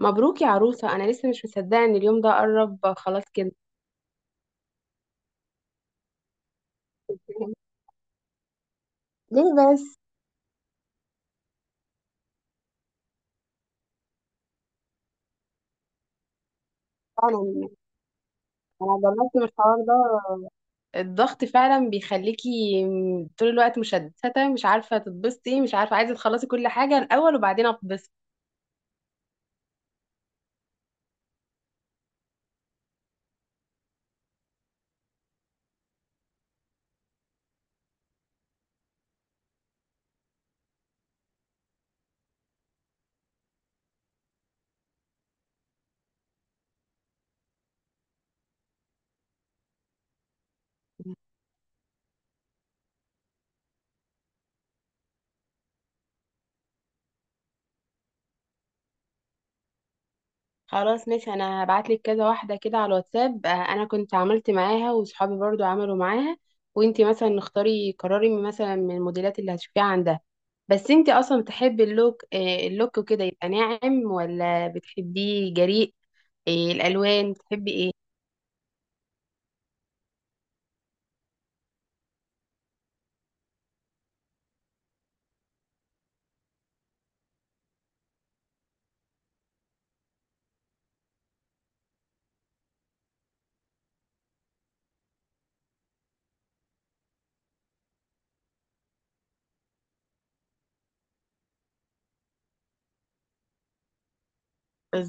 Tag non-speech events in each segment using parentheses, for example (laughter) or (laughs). مبروك يا عروسة، أنا لسه مش مصدقة إن اليوم ده قرب خلاص كده. (laughs) ليه بس؟ فعلا. أنا جربت من الحوار ده، الضغط فعلا بيخليكي طول الوقت مشتتة، مش عارفة تتبسطي، مش عارفة، عايزة تخلصي كل حاجة الأول وبعدين أتبسط. خلاص ماشي، انا هبعتلك كذا واحدة كده على الواتساب. انا كنت عملت معاها وصحابي برضو عملوا معاها. وانتي مثلا اختاري، قرري مثلا من الموديلات اللي هتشوفيها عندها. بس انتي اصلا بتحبي اللوك، اللوك وكده، يبقى ناعم ولا بتحبيه جريء؟ الالوان بتحبي ايه؟ بز-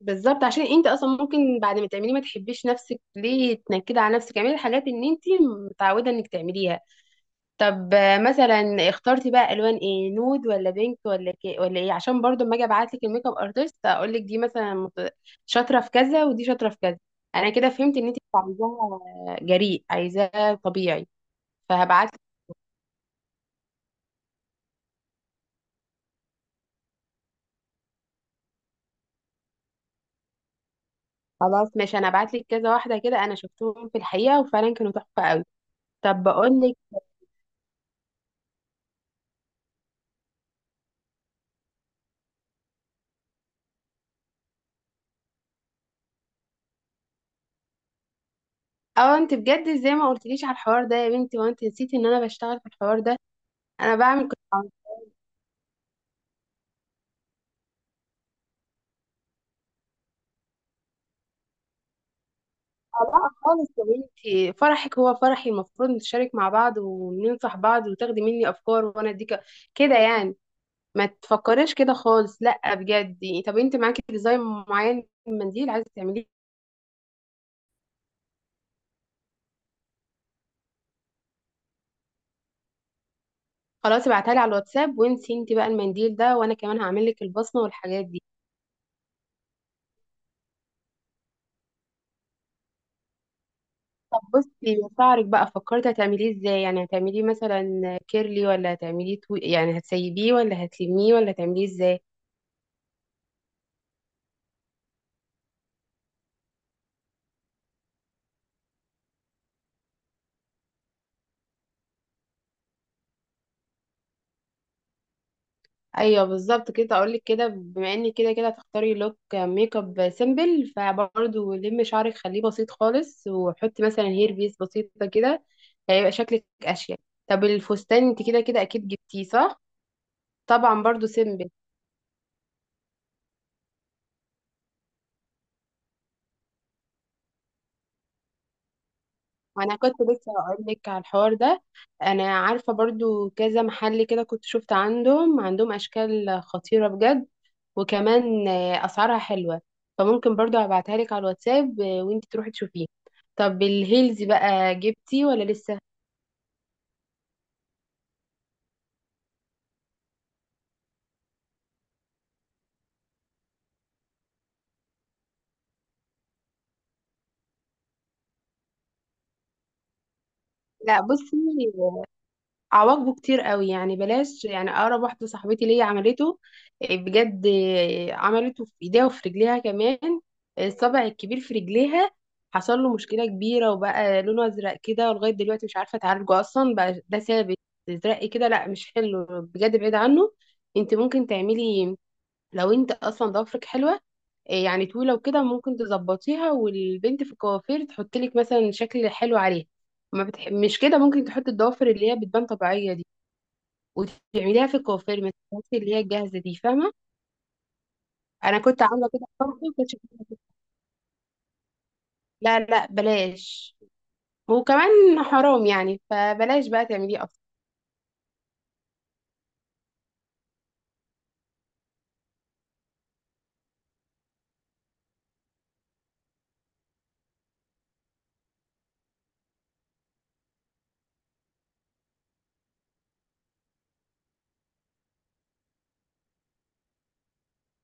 بالظبط، عشان انتي اصلا ممكن بعد ما تعمليه ما تحبيش نفسك، ليه تنكدي على نفسك؟ اعملي الحاجات اللي انتي متعودة انك تعمليها. طب مثلا اخترتي بقى الوان ايه؟ نود ولا بينك ولا كي ولا ايه؟ عشان برضو اما اجي ابعت لك الميك اب ارتست اقول لك دي مثلا شاطره في كذا ودي شاطره في كذا. انا كده فهمت ان انت مش عايزاها جريء، عايزاها طبيعي. فهبعت لك. خلاص ماشي، انا هبعت لك كذا واحده كده، انا شفتهم في الحقيقه وفعلا كانوا تحفه قوي. طب بقول لك، اه انت بجد ازاي ما قلتليش على الحوار ده يا بنتي؟ وانت نسيتي ان انا بشتغل في الحوار ده، انا بعمل كنت. لا خالص يا بنتي، فرحك هو فرحي، المفروض نتشارك مع بعض وننصح بعض وتاخدي مني افكار وانا اديك كده يعني. ما تفكريش كده خالص، لا بجد. طب انت معاكي ديزاين معين من منديل عايزه تعمليه؟ خلاص ابعتها لي على الواتساب وانسي انت بقى المنديل ده، وانا كمان هعمل لك البصمه والحاجات دي. طب بصي، شعرك بقى فكرتي هتعمليه ازاي؟ يعني هتعمليه مثلا كيرلي ولا هتعمليه طويل؟ يعني هتسيبيه ولا هتلميه ولا هتعمليه ازاي؟ ايوه بالظبط كده، اقول لك كده، بما اني كده كده هتختاري لوك ميك اب سيمبل، فبرضه لمي شعرك، خليه بسيط خالص، وحطي مثلا هير بيس بسيطه كده، هيبقى شكلك اشيك. طب الفستان انت كده كده اكيد جبتيه صح؟ طبعا برضه سيمبل. وانا كنت لسه هقول لك على الحوار ده. انا عارفه برضو كذا محل كده كنت شفت عندهم اشكال خطيره بجد. وكمان اسعارها حلوه، فممكن برضو ابعتها لك على الواتساب وانت تروحي تشوفيه. طب الهيلز بقى جبتي ولا لسه؟ لا بصي، عواقبه كتير قوي يعني، بلاش يعني. اقرب واحده صاحبتي ليا عملته، إيه، بجد إيه، عملته في ايديها وفي رجليها كمان. الصبع الكبير في رجليها حصل له مشكله كبيره وبقى لونه ازرق كده، ولغايه دلوقتي مش عارفه اتعالجه، اصلا بقى ده ثابت ازرق كده. لا مش حلو بجد، بعيد عنه. انت ممكن تعملي، لو انت اصلا ضوافرك حلوه، إيه يعني طويله وكده، ممكن تظبطيها والبنت في الكوافير تحط لك مثلا شكل حلو عليها. ما بتح... مش كده، ممكن تحط الضوافر اللي هي بتبان طبيعيه دي وتعمليها في الكوافير، ما تستخدميش اللي هي الجاهزه دي، فاهمه؟ انا كنت عامله كده برضه، كنت شايفة كده. لا لا بلاش، وكمان حرام يعني، فبلاش بقى تعمليه اصلا.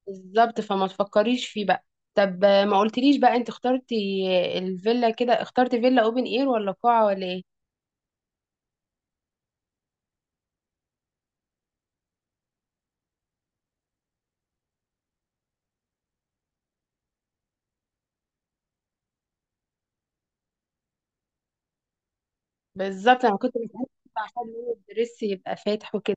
بالظبط، فما تفكريش فيه بقى. طب ما قلتليش بقى، انت اخترتي الفيلا كده، اخترتي فيلا اوبن اير ولا قاعه ولا ايه؟ بالظبط انا كنت بسألك عشان لون الدرس يبقى فاتح وكده.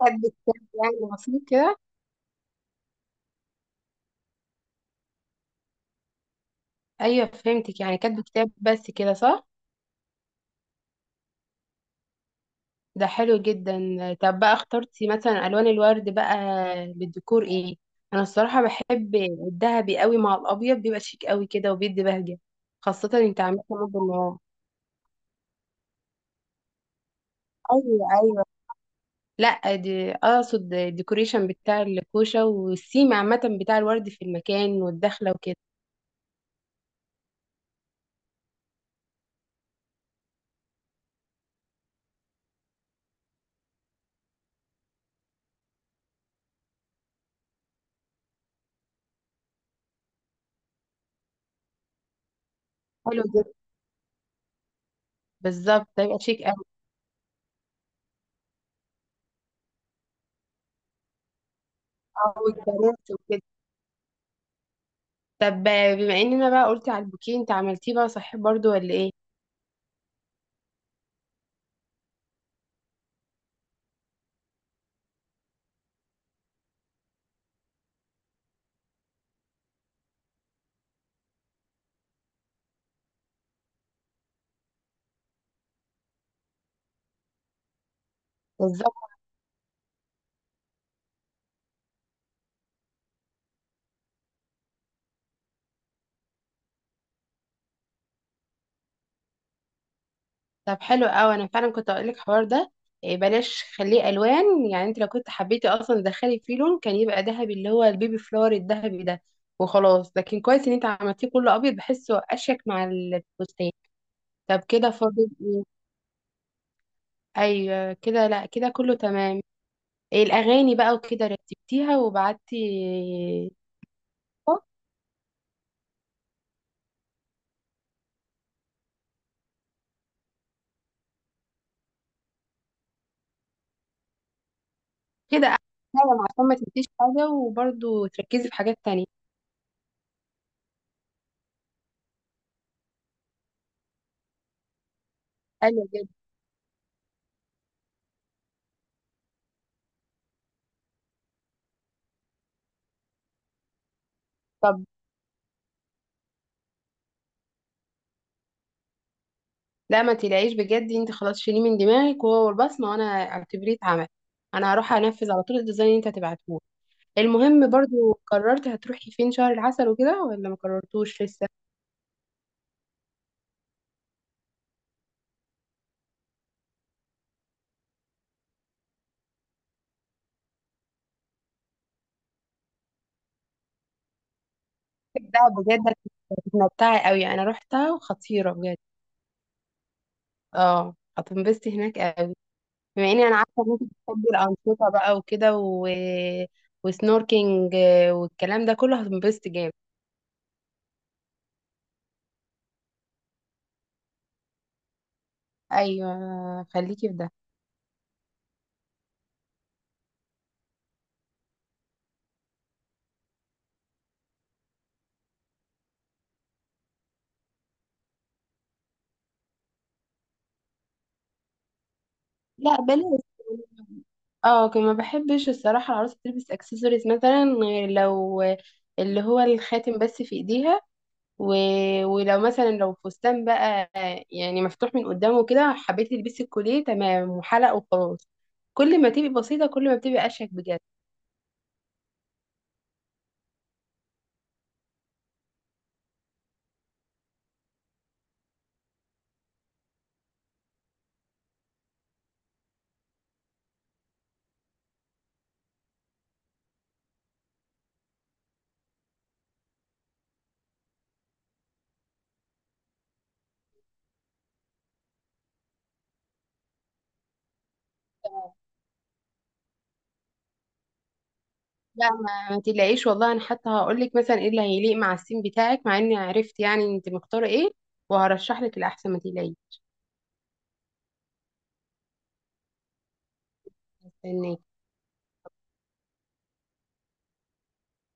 كاتبة كتاب يعني بسيط كده. ايوه فهمتك، يعني كاتبة كتاب بس كده، صح؟ ده حلو جدا. طب بقى اخترتي مثلا الوان الورد بقى للديكور ايه؟ انا الصراحة بحب الذهبي قوي مع الابيض، بيبقى شيك قوي كده وبيدي بهجة، خاصة انت عاملة مد النهار. ايوه ايوه. لا دي اقصد الديكوريشن بتاع الكوشه والسيم عامه بتاع الورد في المكان والدخله وكده. حلو جدا، بالظبط هيبقى شيك. اه والبنات وكده. طب، بما اننا بقى قلتي على البوكيه، انت عملتيه بقى صحيح برضو ولا ايه؟ بالظبط. طب حلو قوي، انا فعلا كنت اقول لك الحوار ده. إيه بلاش، خليه الوان، يعني انت لو كنت حبيتي اصلا تدخلي فيه لون كان يبقى ذهبي، اللي هو البيبي فلور الذهبي ده، وخلاص. لكن كويس ان انت عملتيه كله ابيض، بحسه اشيك مع الفستان. طب كده فاضل ايه؟ ايوه كده، لا كده كله تمام. إيه الاغاني بقى وكده، رتبتيها وبعتي؟ كده أحسن، فعلا عشان ما تنسيش حاجة وبرضه تركزي في حاجات تانية. ايوه بجد. طب لا، ما تقلقيش بجد، انت خلاص شيليه من دماغك وهو البصمة، وانا اعتبريه اتعمل. انا هروح انفذ على طول الديزاين اللي انت هتبعتهولي. المهم برضه، قررت هتروحي فين شهر العسل وكده ولا ما قررتوش لسه؟ ده بجد هتتمتعي قوي، انا روحتها وخطيرة بجد. اه هتنبسطي هناك قوي. بما اني انا عارفة ان انت بتحبي الأنشطة بقى وكده وسنوركينج والكلام ده كله، هتنبسطي جامد. ايوه خليكي في ده. لا بلاش. اه كنت ما بحبش الصراحة العروسة تلبس اكسسوارز مثلا، غير لو اللي هو الخاتم بس في ايديها و... ولو مثلا لو فستان بقى يعني مفتوح من قدامه كده، حبيتي تلبسي الكوليه تمام وحلق وخلاص. كل ما تبقي بسيطة كل ما بتبقي اشيك بجد. لا ما تقلقيش والله، انا حتى هقول لك مثلا ايه اللي هيليق مع السين بتاعك، مع اني عرفت يعني انت مختارة ايه، وهرشح لك الاحسن، ما تقلقيش. استناكي.